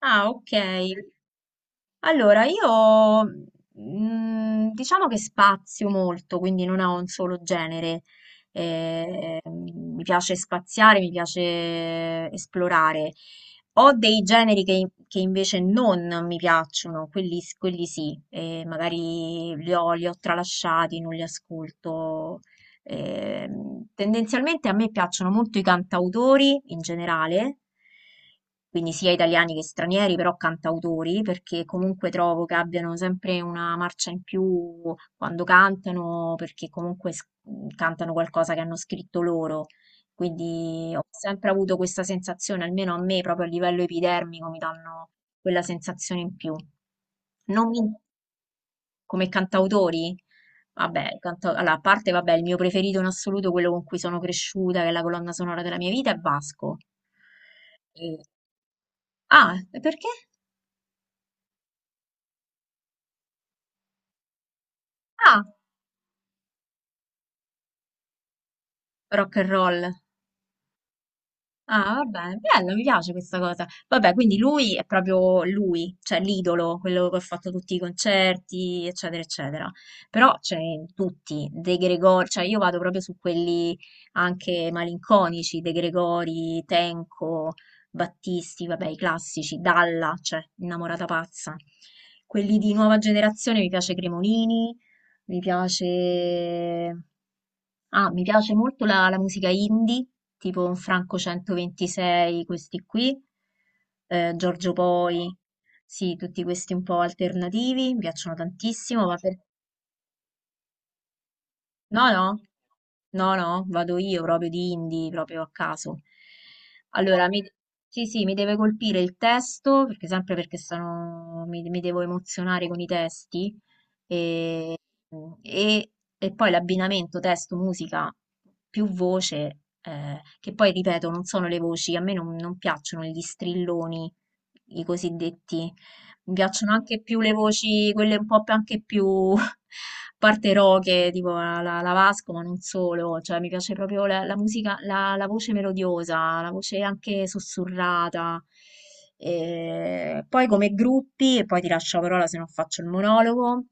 Ah, ok. Allora, io diciamo che spazio molto, quindi non ho un solo genere. Mi piace spaziare, mi piace esplorare. Ho dei generi che invece non mi piacciono, quelli sì, magari li ho tralasciati, non li ascolto. Tendenzialmente a me piacciono molto i cantautori in generale, quindi sia italiani che stranieri, però cantautori, perché comunque trovo che abbiano sempre una marcia in più quando cantano, perché comunque cantano qualcosa che hanno scritto loro. Quindi ho sempre avuto questa sensazione, almeno a me, proprio a livello epidermico, mi danno quella sensazione in più. Non mi, Come cantautori? Vabbè, allora, a parte, vabbè, il mio preferito in assoluto, quello con cui sono cresciuta, che è la colonna sonora della mia vita, è Vasco. E- Ah, e perché? Ah, rock and roll. Ah, va bene, bello, mi piace questa cosa. Vabbè, quindi lui è proprio lui, cioè l'idolo, quello che ha fatto tutti i concerti, eccetera, eccetera. Però c'è tutti, De Gregori, cioè io vado proprio su quelli anche malinconici, De Gregori, Tenco, Battisti, vabbè, i classici, Dalla, cioè innamorata pazza. Quelli di nuova generazione mi piace Cremonini, mi piace... Ah, mi piace molto la musica indie, tipo un Franco 126, questi qui, Giorgio Poi, sì, tutti questi un po' alternativi, mi piacciono tantissimo, ma per... No, no, no, no, vado io proprio di indie, proprio a caso. Allora, mi... sì, sì, mi deve colpire il testo, perché sempre perché sono... mi devo emozionare con i testi, Mm, E, e poi l'abbinamento testo, musica, più voce, che poi ripeto, non sono le voci, a me non piacciono gli strilloni, i cosiddetti, mi piacciono anche più le voci, quelle un po' anche più parte roche, tipo la Vasco, ma non solo, cioè mi piace proprio la musica, la voce melodiosa, la voce anche sussurrata. E poi come gruppi, e poi ti lascio la parola se non faccio il monologo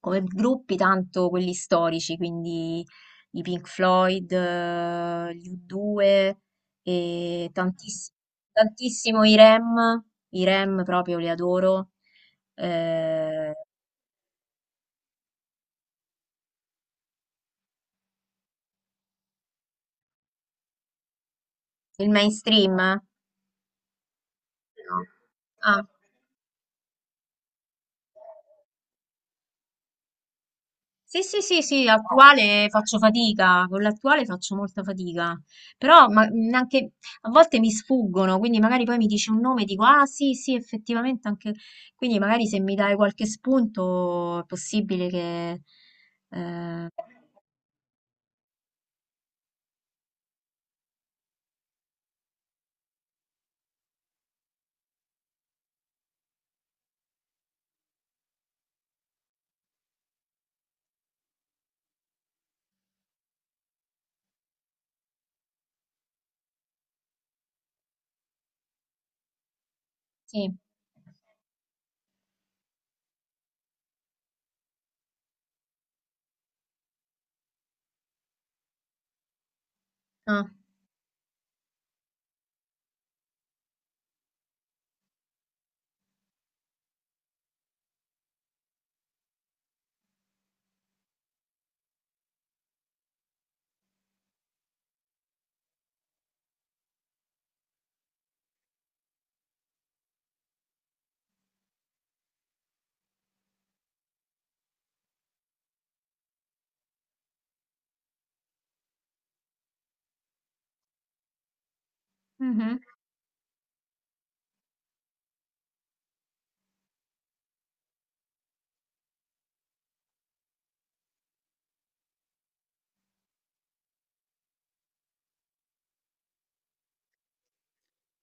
come gruppi tanto quelli storici, quindi i Pink Floyd, gli U2 e tantissimo i REM proprio li adoro. Eh, il mainstream? No. Ah. Sì, sì, sì, sì, attuale faccio fatica, con l'attuale faccio molta fatica, però ma, anche a volte mi sfuggono, quindi magari poi mi dici un nome e dico, ah sì, sì, effettivamente anche, quindi magari se mi dai qualche spunto è possibile che... eh, sì. Ah, mhm.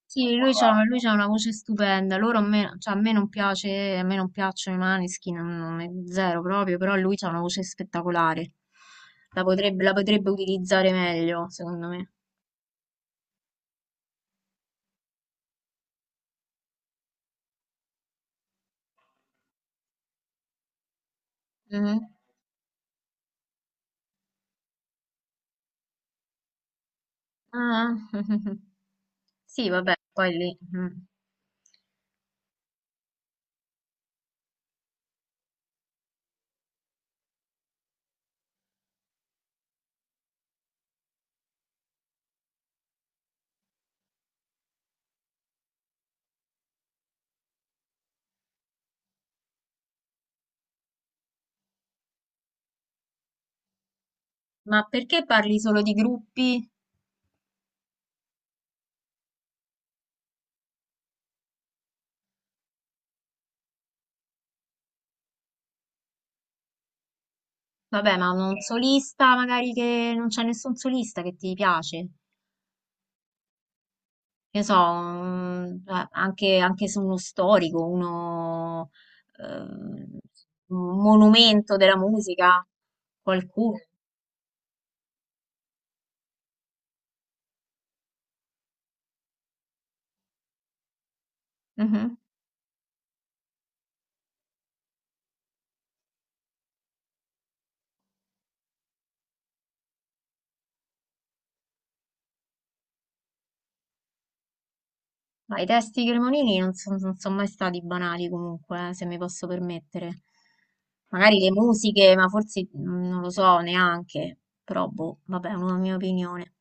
Sì, lui c'ha una voce stupenda. Loro a me, cioè, a me non piace, a me non piacciono i Maneskin, non è zero proprio, però lui c'ha una voce spettacolare. La potrebbe utilizzare meglio, secondo me. Mhm. Ah, sì, vabbè, poi lì. Mm. Ma perché parli solo di gruppi? Vabbè, ma un solista magari che non c'è nessun solista che ti piace. Che so, anche se uno storico, ehm, un monumento della musica, qualcuno. Mhm. Ma i testi di Cremonini non sono mai stati banali comunque, se mi posso permettere. Magari le musiche, ma forse non lo so neanche, però boh, vabbè, è una mia opinione.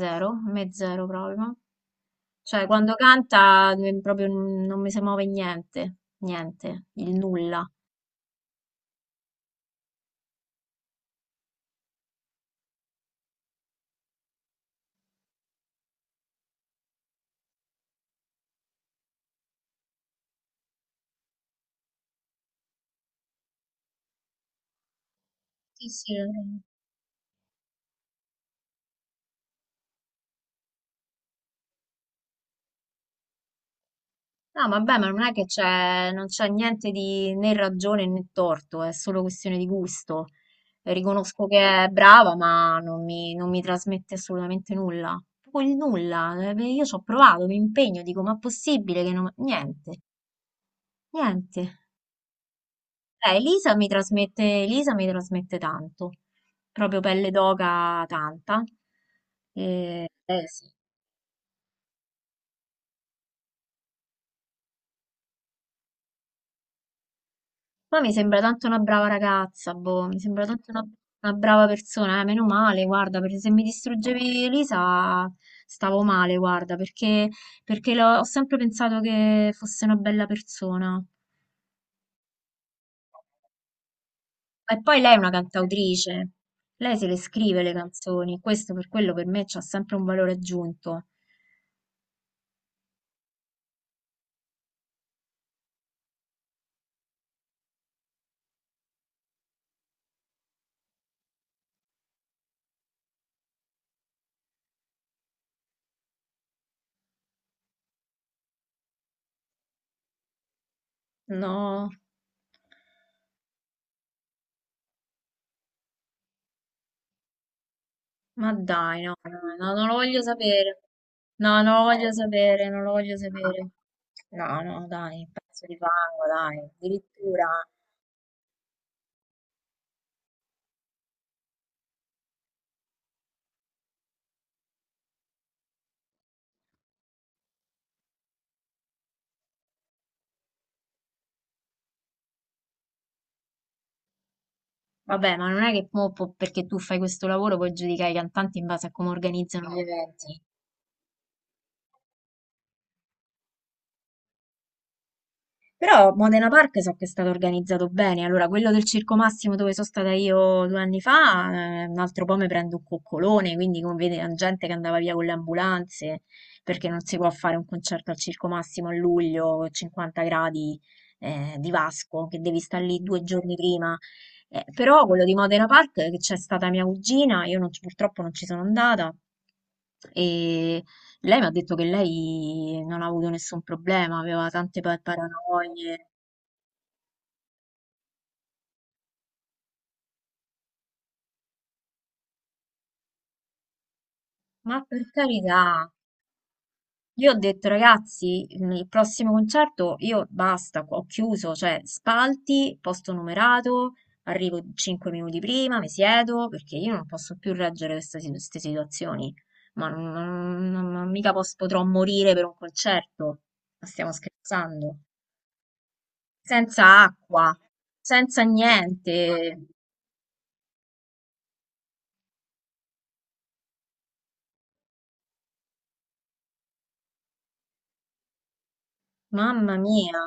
Zero, a me zero proprio. Cioè, quando canta proprio non mi si muove niente, niente, il nulla. Sì, sì. No, vabbè, ma non è che c'è non c'è niente di né ragione né torto, è solo questione di gusto. Riconosco che è brava, ma non mi trasmette assolutamente nulla. Proprio il nulla. Io ci ho provato, mi impegno, dico, ma è possibile che non... Niente, niente. Elisa mi trasmette tanto, proprio pelle d'oca tanta. Sì. Ma mi sembra tanto una brava ragazza, boh, mi sembra tanto una brava persona, meno male, guarda, perché se mi distruggevi Elisa stavo male, guarda, perché, perché ho sempre pensato che fosse una bella persona. E poi lei è una cantautrice, lei se le scrive le canzoni, questo per quello per me c'ha sempre un valore aggiunto. No. Ma dai, no, no, no, no, non lo voglio sapere. No, non lo voglio sapere, non lo voglio sapere. No, no, dai, un pezzo di fango, dai. Addirittura, vabbè, ma non è che perché tu fai questo lavoro puoi giudicare i cantanti in base a come organizzano gli eventi. Però Modena Park so che è stato organizzato bene, allora quello del Circo Massimo dove sono stata io 2 anni fa, un altro po' mi prendo un coccolone, quindi come vede la gente che andava via con le ambulanze, perché non si può fare un concerto al Circo Massimo a luglio, con 50 gradi di Vasco, che devi stare lì 2 giorni prima. Però quello di Modena Park, che c'è stata mia cugina, io non ci- purtroppo non ci sono andata, e lei mi ha detto che lei non ha avuto nessun problema, aveva tante paranoie. Ma per carità, io ho detto ragazzi, il prossimo concerto io basta, ho chiuso, cioè spalti, posto numerato, arrivo 5 minuti prima, mi siedo, perché io non posso più reggere queste, queste situazioni. Ma non mica potrò morire per un concerto. Ma stiamo scherzando. Senza acqua, senza niente. Mamma mia.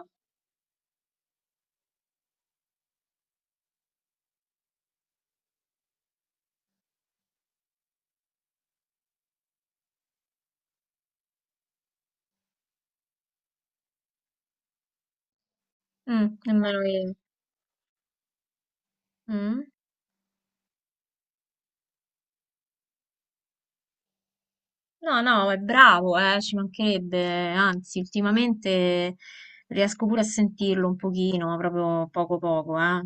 Mm, nemmeno io. Mm. No, no, è bravo, ci mancherebbe. Anzi, ultimamente riesco pure a sentirlo un pochino, ma proprio poco poco, eh.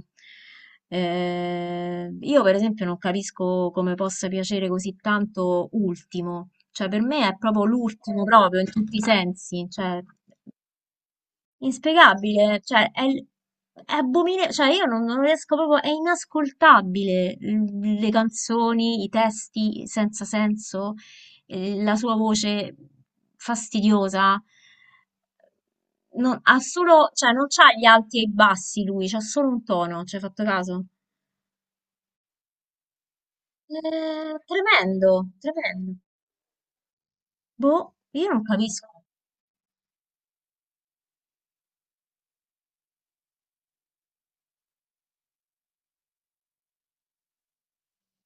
Io per esempio non capisco come possa piacere così tanto Ultimo, cioè per me è proprio l'ultimo proprio in tutti i sensi, cioè inspiegabile, cioè è, è cioè io non riesco proprio, è inascoltabile le canzoni, i testi senza senso, la sua voce fastidiosa. Non, ha solo, cioè non c'ha gli alti e i bassi lui, c'ha solo un tono, ci hai fatto caso? Tremendo, tremendo. Boh, io non capisco.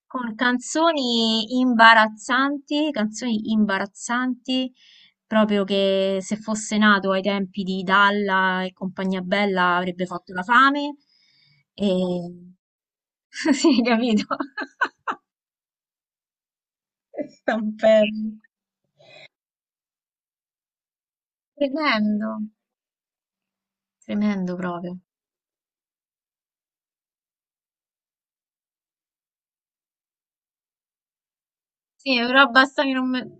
Con canzoni imbarazzanti, proprio che se fosse nato ai tempi di Dalla e compagnia bella avrebbe fatto la fame. E... sì, capito? Stampello. Tremendo, tremendo proprio. Sì, però basta che non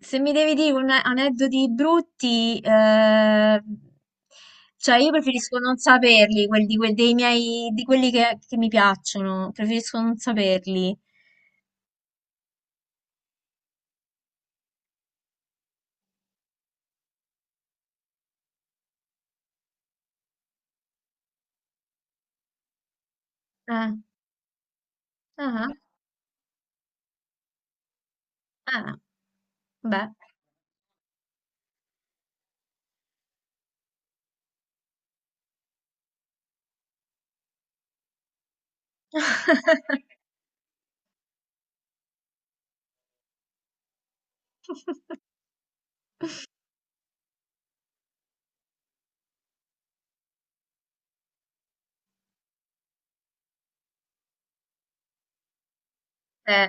se mi devi dire aneddoti brutti, cioè io preferisco non saperli, quelli, di dei miei, di quelli che mi piacciono, preferisco non saperli. Eh, ah, ah, beh. Eh,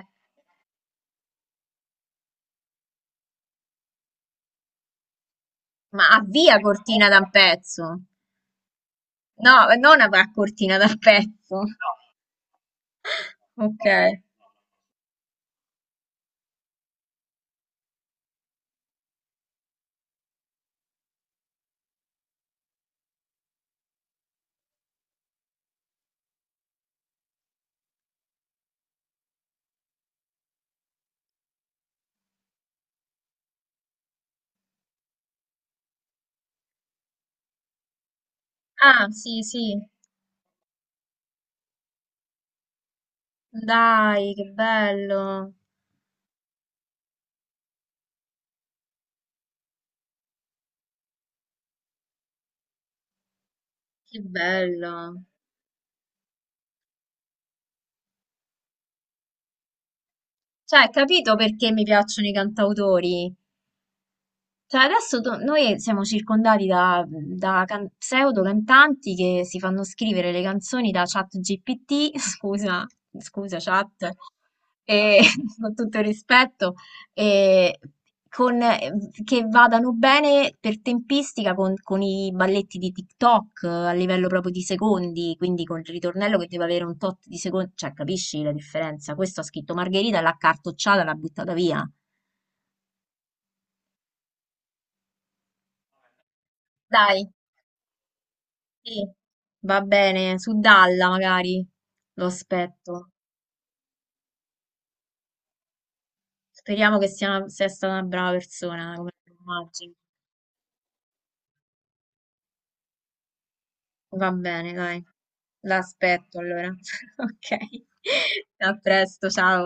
ma avvia Cortina da un pezzo. No, non avrà Cortina da un pezzo. Ok. Ah, sì, sì. Dai, che bello. Che bello. Cioè, capito perché mi piacciono i cantautori? Cioè adesso noi siamo circondati da, da pseudo cantanti che si fanno scrivere le canzoni da chat GPT, scusa, scusa chat, e, con tutto il rispetto, e con- che vadano bene per tempistica con i balletti di TikTok a livello proprio di secondi, quindi con il ritornello che deve avere un tot di secondi, cioè capisci la differenza? Questo ha scritto Margherita, l'ha cartocciata, l'ha buttata via. Dai. Sì, va bene, su Dalla magari lo aspetto. Speriamo che sia, sia stata una brava persona, come immagino. Va bene, dai. L'aspetto allora. Ok. A presto, ciao.